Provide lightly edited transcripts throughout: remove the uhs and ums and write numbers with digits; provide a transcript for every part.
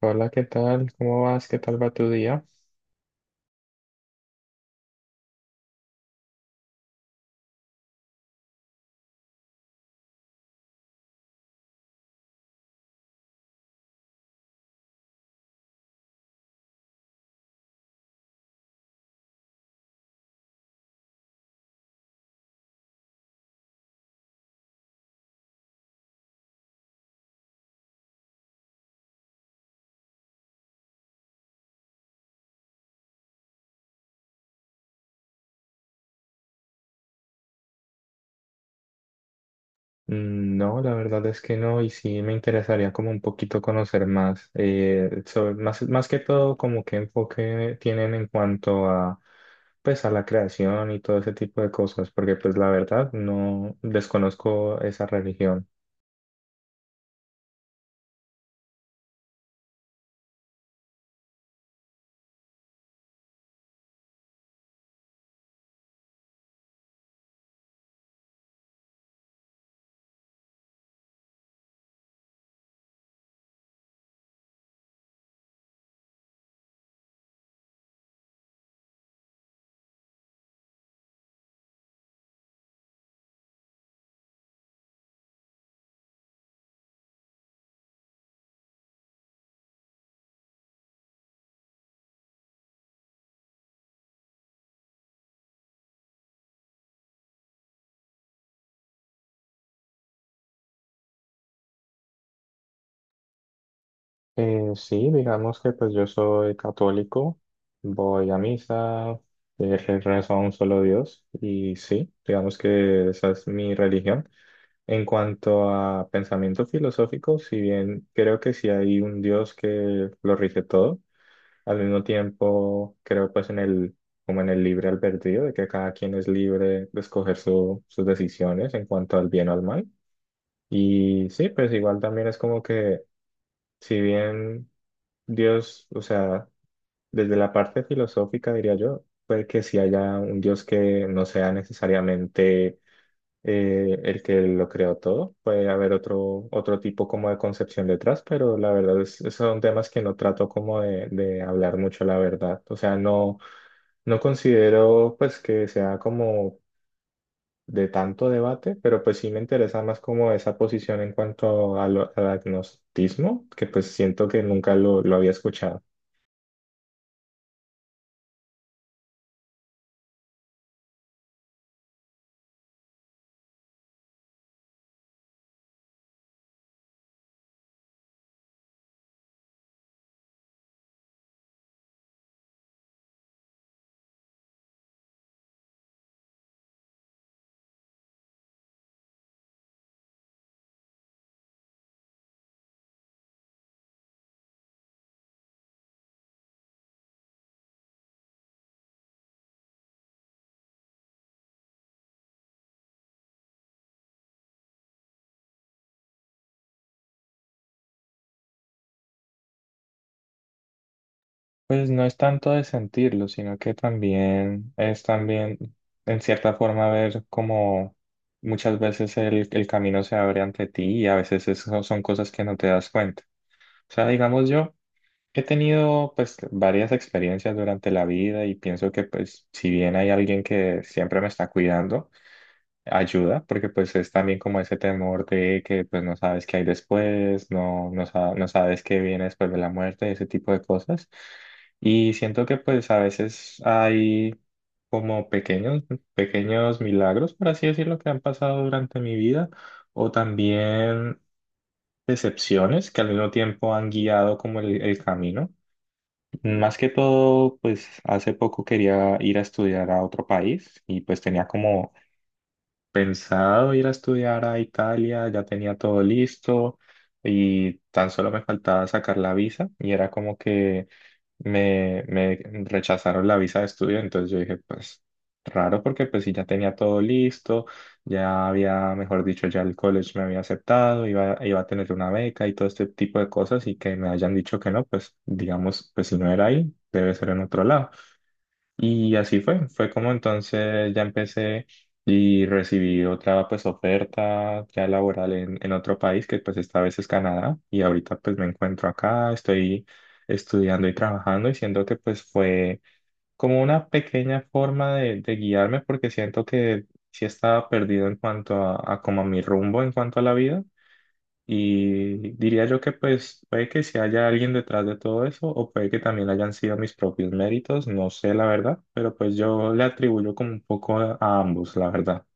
Hola, ¿qué tal? ¿Cómo vas? ¿Qué tal va tu día? Mm, no, la verdad es que no, y sí me interesaría como un poquito conocer más, sobre, más, más que todo como qué enfoque tienen en cuanto a, pues a la creación y todo ese tipo de cosas, porque pues la verdad no desconozco esa religión. Sí, digamos que pues yo soy católico, voy a misa, rezo a un solo Dios, y sí, digamos que esa es mi religión. En cuanto a pensamiento filosófico, si bien creo que sí hay un Dios que lo rige todo, al mismo tiempo creo pues en el, como en el libre albedrío, de que cada quien es libre de escoger sus decisiones en cuanto al bien o al mal. Y sí, pues igual también es como que si bien Dios, o sea, desde la parte filosófica diría yo, puede que sí haya un Dios que no sea necesariamente el que lo creó todo. Puede haber otro, otro tipo como de concepción detrás, pero la verdad es, son temas que no trato como de hablar mucho, la verdad. O sea, no, no considero pues que sea como de tanto debate, pero pues sí me interesa más como esa posición en cuanto a al agnosticismo, que pues siento que nunca lo había escuchado. Pues no es tanto de sentirlo, sino que también es también, en cierta forma, ver cómo muchas veces el camino se abre ante ti y a veces eso son cosas que no te das cuenta. O sea, digamos yo he tenido pues varias experiencias durante la vida y pienso que pues si bien hay alguien que siempre me está cuidando, ayuda, porque pues es también como ese temor de que pues no sabes qué hay después, no, no, no sabes qué viene después de la muerte, ese tipo de cosas. Y siento que pues a veces hay como pequeños, pequeños milagros, por así decirlo, que han pasado durante mi vida, o también decepciones que al mismo tiempo han guiado como el camino. Más que todo, pues hace poco quería ir a estudiar a otro país y pues tenía como pensado ir a estudiar a Italia, ya tenía todo listo y tan solo me faltaba sacar la visa y era como que me rechazaron la visa de estudio, entonces yo dije, pues raro porque pues sí, ya tenía todo listo, ya había, mejor dicho, ya el college me había aceptado, iba a tener una beca y todo este tipo de cosas y que me hayan dicho que no, pues digamos, pues si no era ahí, debe ser en otro lado. Y así fue, fue como entonces ya empecé y recibí otra pues oferta ya laboral en otro país que pues esta vez es Canadá y ahorita pues me encuentro acá, estoy estudiando y trabajando y siento que pues fue como una pequeña forma de guiarme porque siento que sí estaba perdido en cuanto a como a mi rumbo en cuanto a la vida y diría yo que pues puede que si haya alguien detrás de todo eso o puede que también hayan sido mis propios méritos, no sé la verdad, pero pues yo le atribuyo como un poco a ambos, la verdad.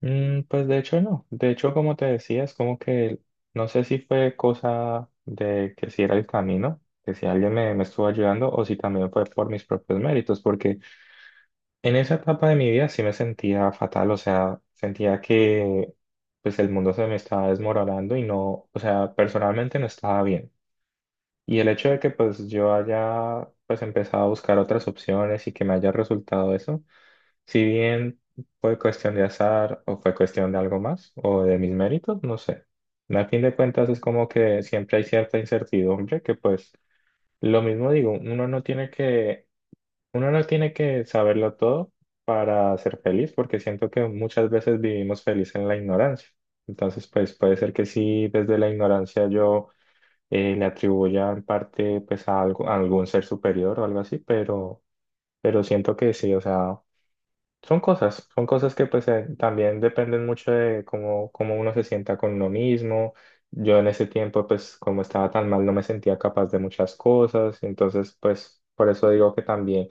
Mm, pues de hecho no, de hecho como te decía, es como que no sé si fue cosa de que si era el camino, que si alguien me estuvo ayudando o si también fue por mis propios méritos, porque en esa etapa de mi vida sí me sentía fatal, o sea, sentía que pues el mundo se me estaba desmoronando y no, o sea, personalmente no estaba bien. Y el hecho de que pues yo haya pues empezado a buscar otras opciones y que me haya resultado eso, si bien fue cuestión de azar o fue cuestión de algo más o de mis méritos, no sé. Al fin de cuentas es como que siempre hay cierta incertidumbre que pues lo mismo digo, uno no tiene que saberlo todo para ser feliz, porque siento que muchas veces vivimos feliz en la ignorancia. Entonces, pues puede ser que sí, desde la ignorancia yo le atribuya en parte pues a, algo, a algún ser superior o algo así, pero siento que sí, o sea, son cosas que pues también dependen mucho de cómo, cómo uno se sienta con uno mismo. Yo en ese tiempo, pues como estaba tan mal, no me sentía capaz de muchas cosas, entonces pues por eso digo que también.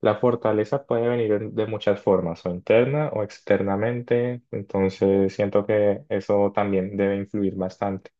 La fortaleza puede venir de muchas formas, o interna o externamente, entonces siento que eso también debe influir bastante.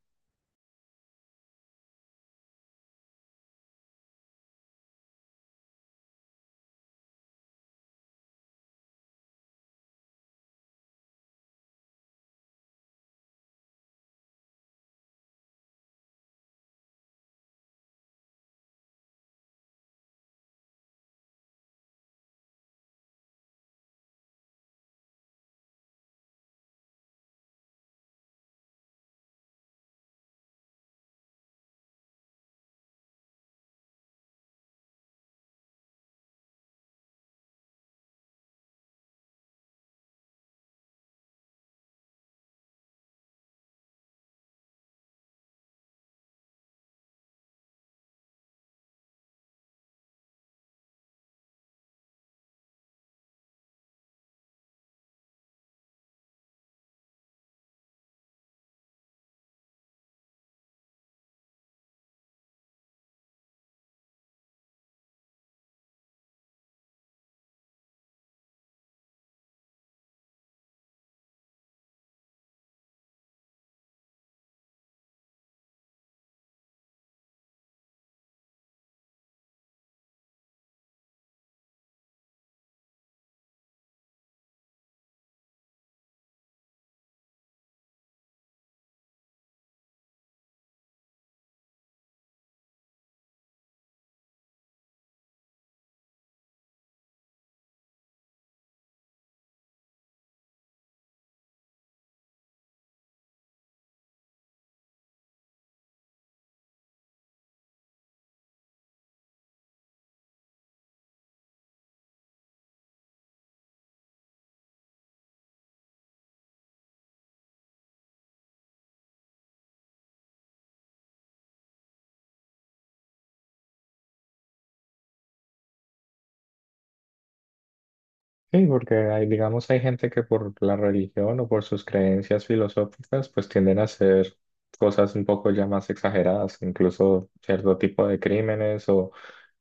Sí, porque hay, digamos, hay gente que por la religión o por sus creencias filosóficas, pues tienden a hacer cosas un poco ya más exageradas, incluso cierto tipo de crímenes o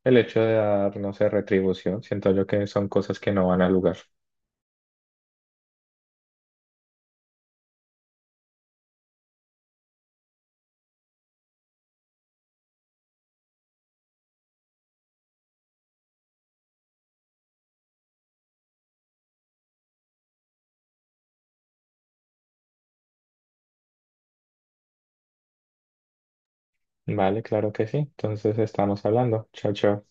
el hecho de dar, no sé, retribución. Siento yo que son cosas que no van al lugar. Vale, claro que sí. Entonces estamos hablando. Chao, chao.